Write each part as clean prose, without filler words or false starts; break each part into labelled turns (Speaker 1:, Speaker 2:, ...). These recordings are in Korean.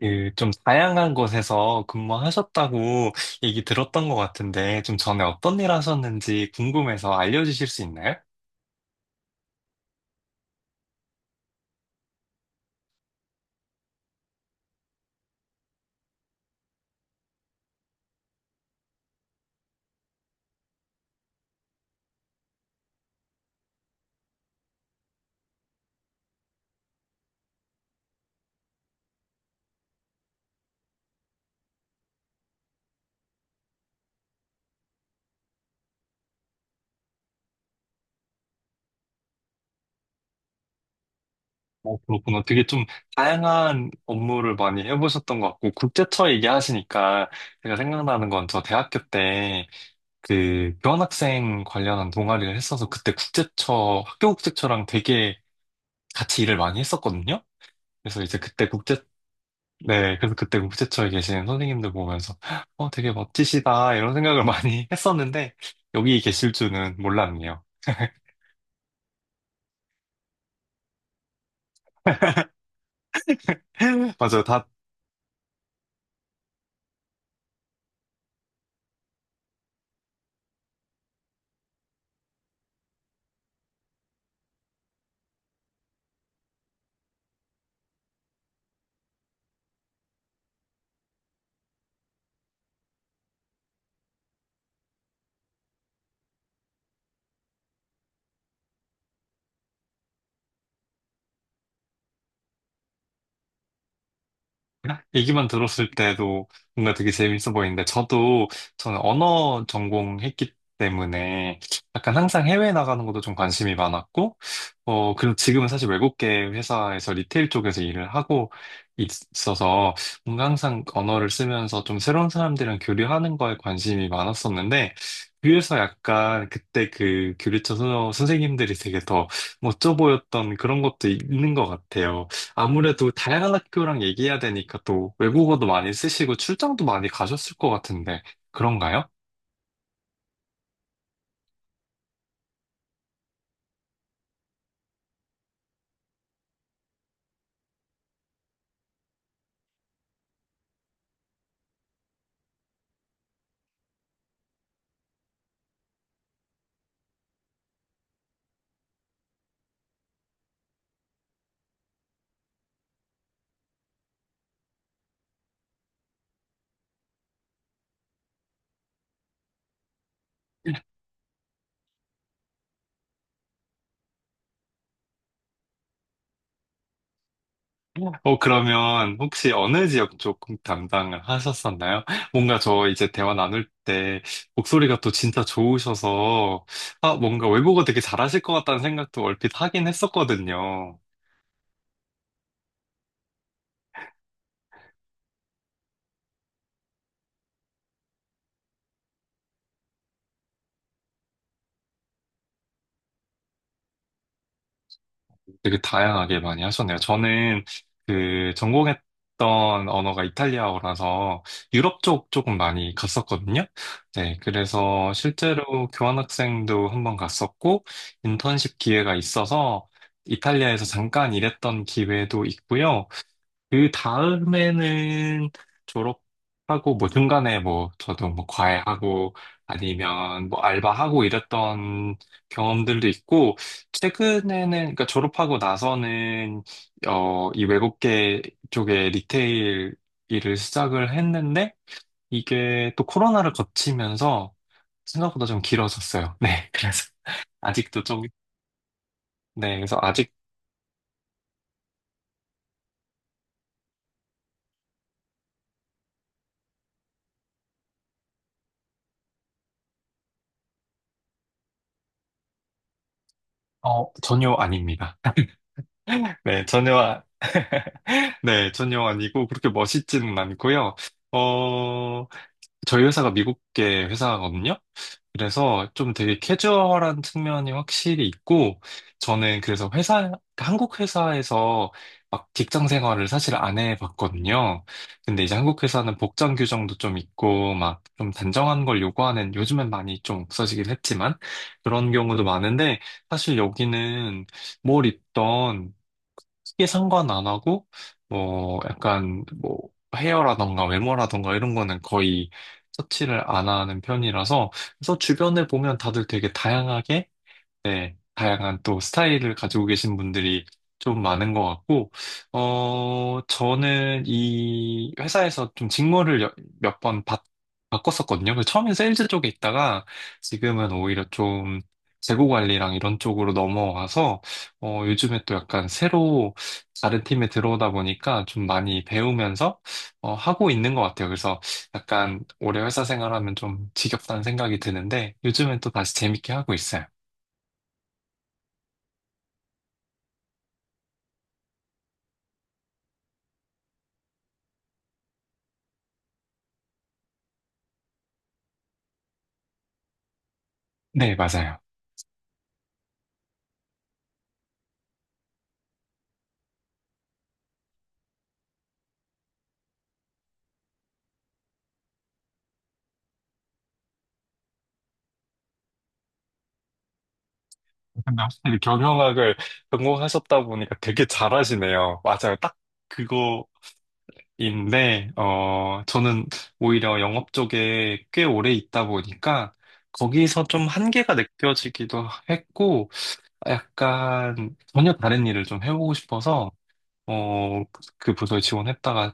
Speaker 1: 그 좀 다양한 곳에서 근무하셨다고 얘기 들었던 것 같은데, 좀 전에 어떤 일 하셨는지 궁금해서 알려주실 수 있나요? 어, 그렇구나. 되게 좀 다양한 업무를 많이 해보셨던 것 같고, 국제처 얘기하시니까 제가 생각나는 건 저 대학교 때 그 교환학생 관련한 동아리를 했어서 그때 국제처, 학교 국제처랑 되게 같이 일을 많이 했었거든요. 그래서 이제 그때 국제 네, 그래서 그때 우체처에 계시는 선생님들 보면서, 어, 되게 멋지시다, 이런 생각을 많이 했었는데, 여기 계실 줄은 몰랐네요. 맞아요. 다 얘기만 들었을 때도 뭔가 되게 재밌어 보이는데, 저도, 저는 언어 전공했기 때문에 약간 항상 해외 나가는 것도 좀 관심이 많았고, 어, 그리고 지금은 사실 외국계 회사에서 리테일 쪽에서 일을 하고 있어서 뭔가 항상 언어를 쓰면서 좀 새로운 사람들이랑 교류하는 거에 관심이 많았었는데, 그래서 약간 그때 그 교류처 선생님들이 되게 더 멋져 보였던 그런 것도 있는 것 같아요. 아무래도 다양한 학교랑 얘기해야 되니까 또 외국어도 많이 쓰시고 출장도 많이 가셨을 것 같은데 그런가요? 어, 그러면 혹시 어느 지역 쪽 담당을 하셨었나요? 뭔가 저 이제 대화 나눌 때 목소리가 또 진짜 좋으셔서 아, 뭔가 외국어 되게 잘하실 것 같다는 생각도 얼핏 하긴 했었거든요. 되게 다양하게 많이 하셨네요. 저는 그 전공했던 언어가 이탈리아어라서 유럽 쪽 조금 많이 갔었거든요. 네, 그래서 실제로 교환학생도 한번 갔었고 인턴십 기회가 있어서 이탈리아에서 잠깐 일했던 기회도 있고요. 그 다음에는 졸업하고 뭐 중간에 뭐 저도 뭐 과외하고 아니면 뭐 알바하고 이랬던 경험들도 있고 최근에는 그러니까 졸업하고 나서는 어 이 외국계 쪽에 리테일 일을 시작을 했는데 이게 또 코로나를 거치면서 생각보다 좀 길어졌어요. 네, 그래서 아직도 좀 네, 그래서 아직 어 전혀 아닙니다. 네, 전혀 네, 전혀 아니고 그렇게 멋있지는 않고요. 어, 저희 회사가 미국계 회사거든요. 그래서 좀 되게 캐주얼한 측면이 확실히 있고, 저는 그래서 회사, 한국 회사에서 막 직장 생활을 사실 안 해봤거든요. 근데 이제 한국 회사는 복장 규정도 좀 있고, 막 좀 단정한 걸 요구하는, 요즘엔 많이 좀 없어지긴 했지만, 그런 경우도 많은데, 사실 여기는 뭘 입던 크게 상관 안 하고, 뭐, 약간, 뭐, 헤어라던가 외모라던가 이런 거는 거의 서치를 안 하는 편이라서 그래서 주변을 보면 다들 되게 다양하게 네, 다양한 또 스타일을 가지고 계신 분들이 좀 많은 것 같고, 어, 저는 이 회사에서 좀 직무를 몇 번 바꿨었거든요. 그래서 처음엔 세일즈 쪽에 있다가 지금은 오히려 좀 재고 관리랑 이런 쪽으로 넘어와서, 어, 요즘에 또 약간 새로 다른 팀에 들어오다 보니까 좀 많이 배우면서, 어, 하고 있는 것 같아요. 그래서 약간 오래 회사 생활하면 좀 지겹다는 생각이 드는데, 요즘엔 또 다시 재밌게 하고 있어요. 네, 맞아요. 근데 확실히 경영학을 전공하셨다 보니까 되게 잘하시네요. 맞아요. 딱 그거인데, 어, 저는 오히려 영업 쪽에 꽤 오래 있다 보니까 거기서 좀 한계가 느껴지기도 했고, 약간 전혀 다른 일을 좀 해보고 싶어서, 어, 그 부서에 지원했다가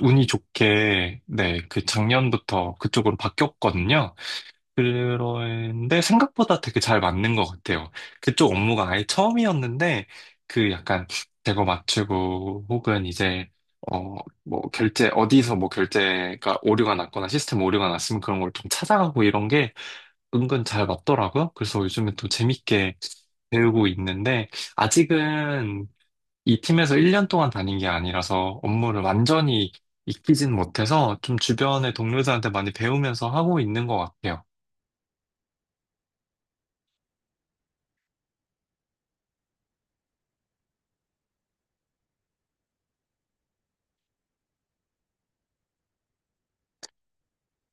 Speaker 1: 운이 좋게, 네, 그 작년부터 그쪽으로 바뀌었거든요. 그런데 생각보다 되게 잘 맞는 것 같아요. 그쪽 업무가 아예 처음이었는데, 그 약간 재고 맞추고, 혹은 이제, 어, 뭐, 결제, 어디서 뭐 결제가 오류가 났거나 시스템 오류가 났으면 그런 걸 좀 찾아가고 이런 게 은근 잘 맞더라고요. 그래서 요즘에 또 재밌게 배우고 있는데, 아직은 이 팀에서 1년 동안 다닌 게 아니라서 업무를 완전히 익히진 못해서 좀 주변의 동료들한테 많이 배우면서 하고 있는 것 같아요.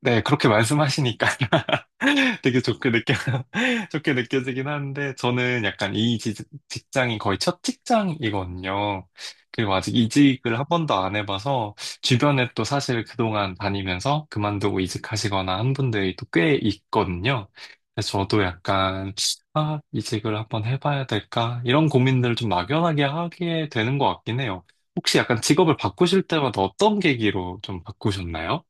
Speaker 1: 네, 그렇게 말씀하시니까 되게 좋게 느껴, 좋게 느껴지긴 하는데, 저는 약간 이 직장이 거의 첫 직장이거든요. 그리고 아직 이직을 한 번도 안 해봐서, 주변에 또 사실 그동안 다니면서 그만두고 이직하시거나 한 분들이 또 꽤 있거든요. 그래서 저도 약간, 아, 이직을 한번 해봐야 될까? 이런 고민들을 좀 막연하게 하게 되는 것 같긴 해요. 혹시 약간 직업을 바꾸실 때마다 어떤 계기로 좀 바꾸셨나요?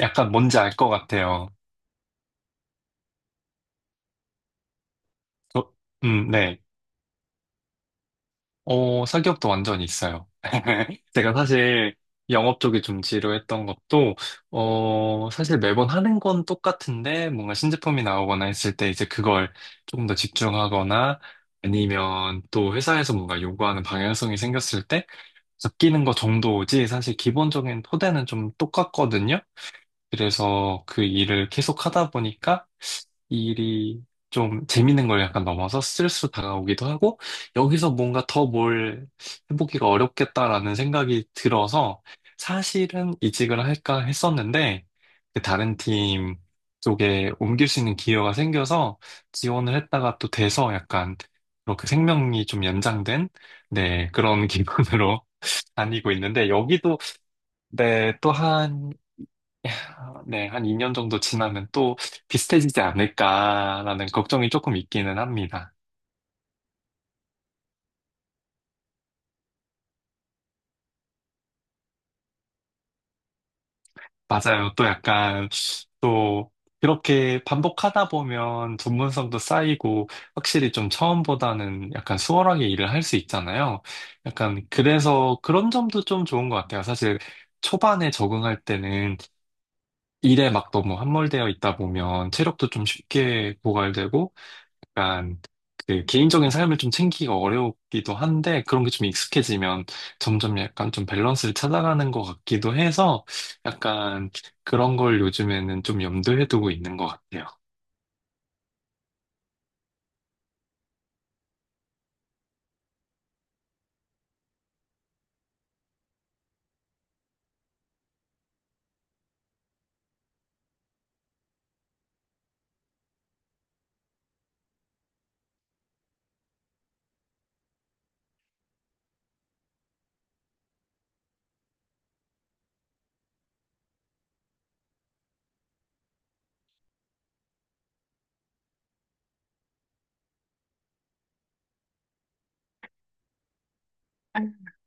Speaker 1: 약간 뭔지 알 것 같아요. 저, 네. 어, 사기업도 완전히 있어요. 제가 사실 영업 쪽이 좀 지루했던 것도, 어, 사실 매번 하는 건 똑같은데, 뭔가 신제품이 나오거나 했을 때 이제 그걸 조금 더 집중하거나, 아니면 또 회사에서 뭔가 요구하는 방향성이 생겼을 때, 바뀌는 거 정도지, 사실 기본적인 토대는 좀 똑같거든요. 그래서 그 일을 계속 하다 보니까 이 일이 좀 재밌는 걸 약간 넘어서 스트레스로 다가오기도 하고 여기서 뭔가 더 뭘 해보기가 어렵겠다라는 생각이 들어서 사실은 이직을 할까 했었는데 그 다른 팀 쪽에 옮길 수 있는 기회가 생겨서 지원을 했다가 또 돼서 약간 그렇게 생명이 좀 연장된 네 그런 기분으로 다니고 있는데 여기도 네또한 아, 네, 한 2년 정도 지나면 또 비슷해지지 않을까라는 걱정이 조금 있기는 합니다. 맞아요. 또 약간 또 그렇게 반복하다 보면 전문성도 쌓이고 확실히 좀 처음보다는 약간 수월하게 일을 할 수 있잖아요. 약간 그래서 그런 점도 좀 좋은 것 같아요. 사실 초반에 적응할 때는 일에 막 너무 함몰되어 있다 보면 체력도 좀 쉽게 고갈되고 약간 그 개인적인 삶을 좀 챙기기가 어려우기도 한데 그런 게 좀 익숙해지면 점점 약간 좀 밸런스를 찾아가는 것 같기도 해서 약간 그런 걸 요즘에는 좀 염두에 두고 있는 것 같아요.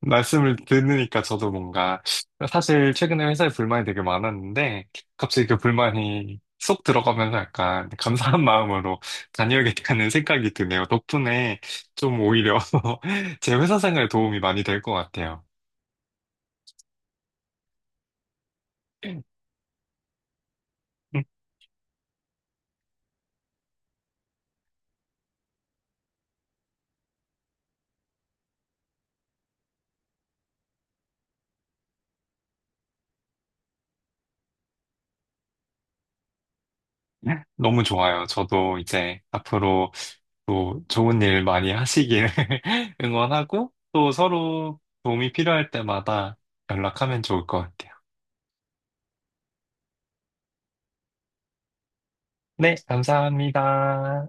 Speaker 1: 말씀을 듣으니까 저도 뭔가 사실 최근에 회사에 불만이 되게 많았는데 갑자기 그 불만이 쏙 들어가면서 약간 감사한 마음으로 다녀야겠다는 생각이 드네요. 덕분에 좀 오히려 제 회사 생활에 도움이 많이 될 것 같아요. 너무 좋아요. 저도 이제 앞으로 또 좋은 일 많이 하시길 응원하고 또 서로 도움이 필요할 때마다 연락하면 좋을 것 같아요. 네, 감사합니다.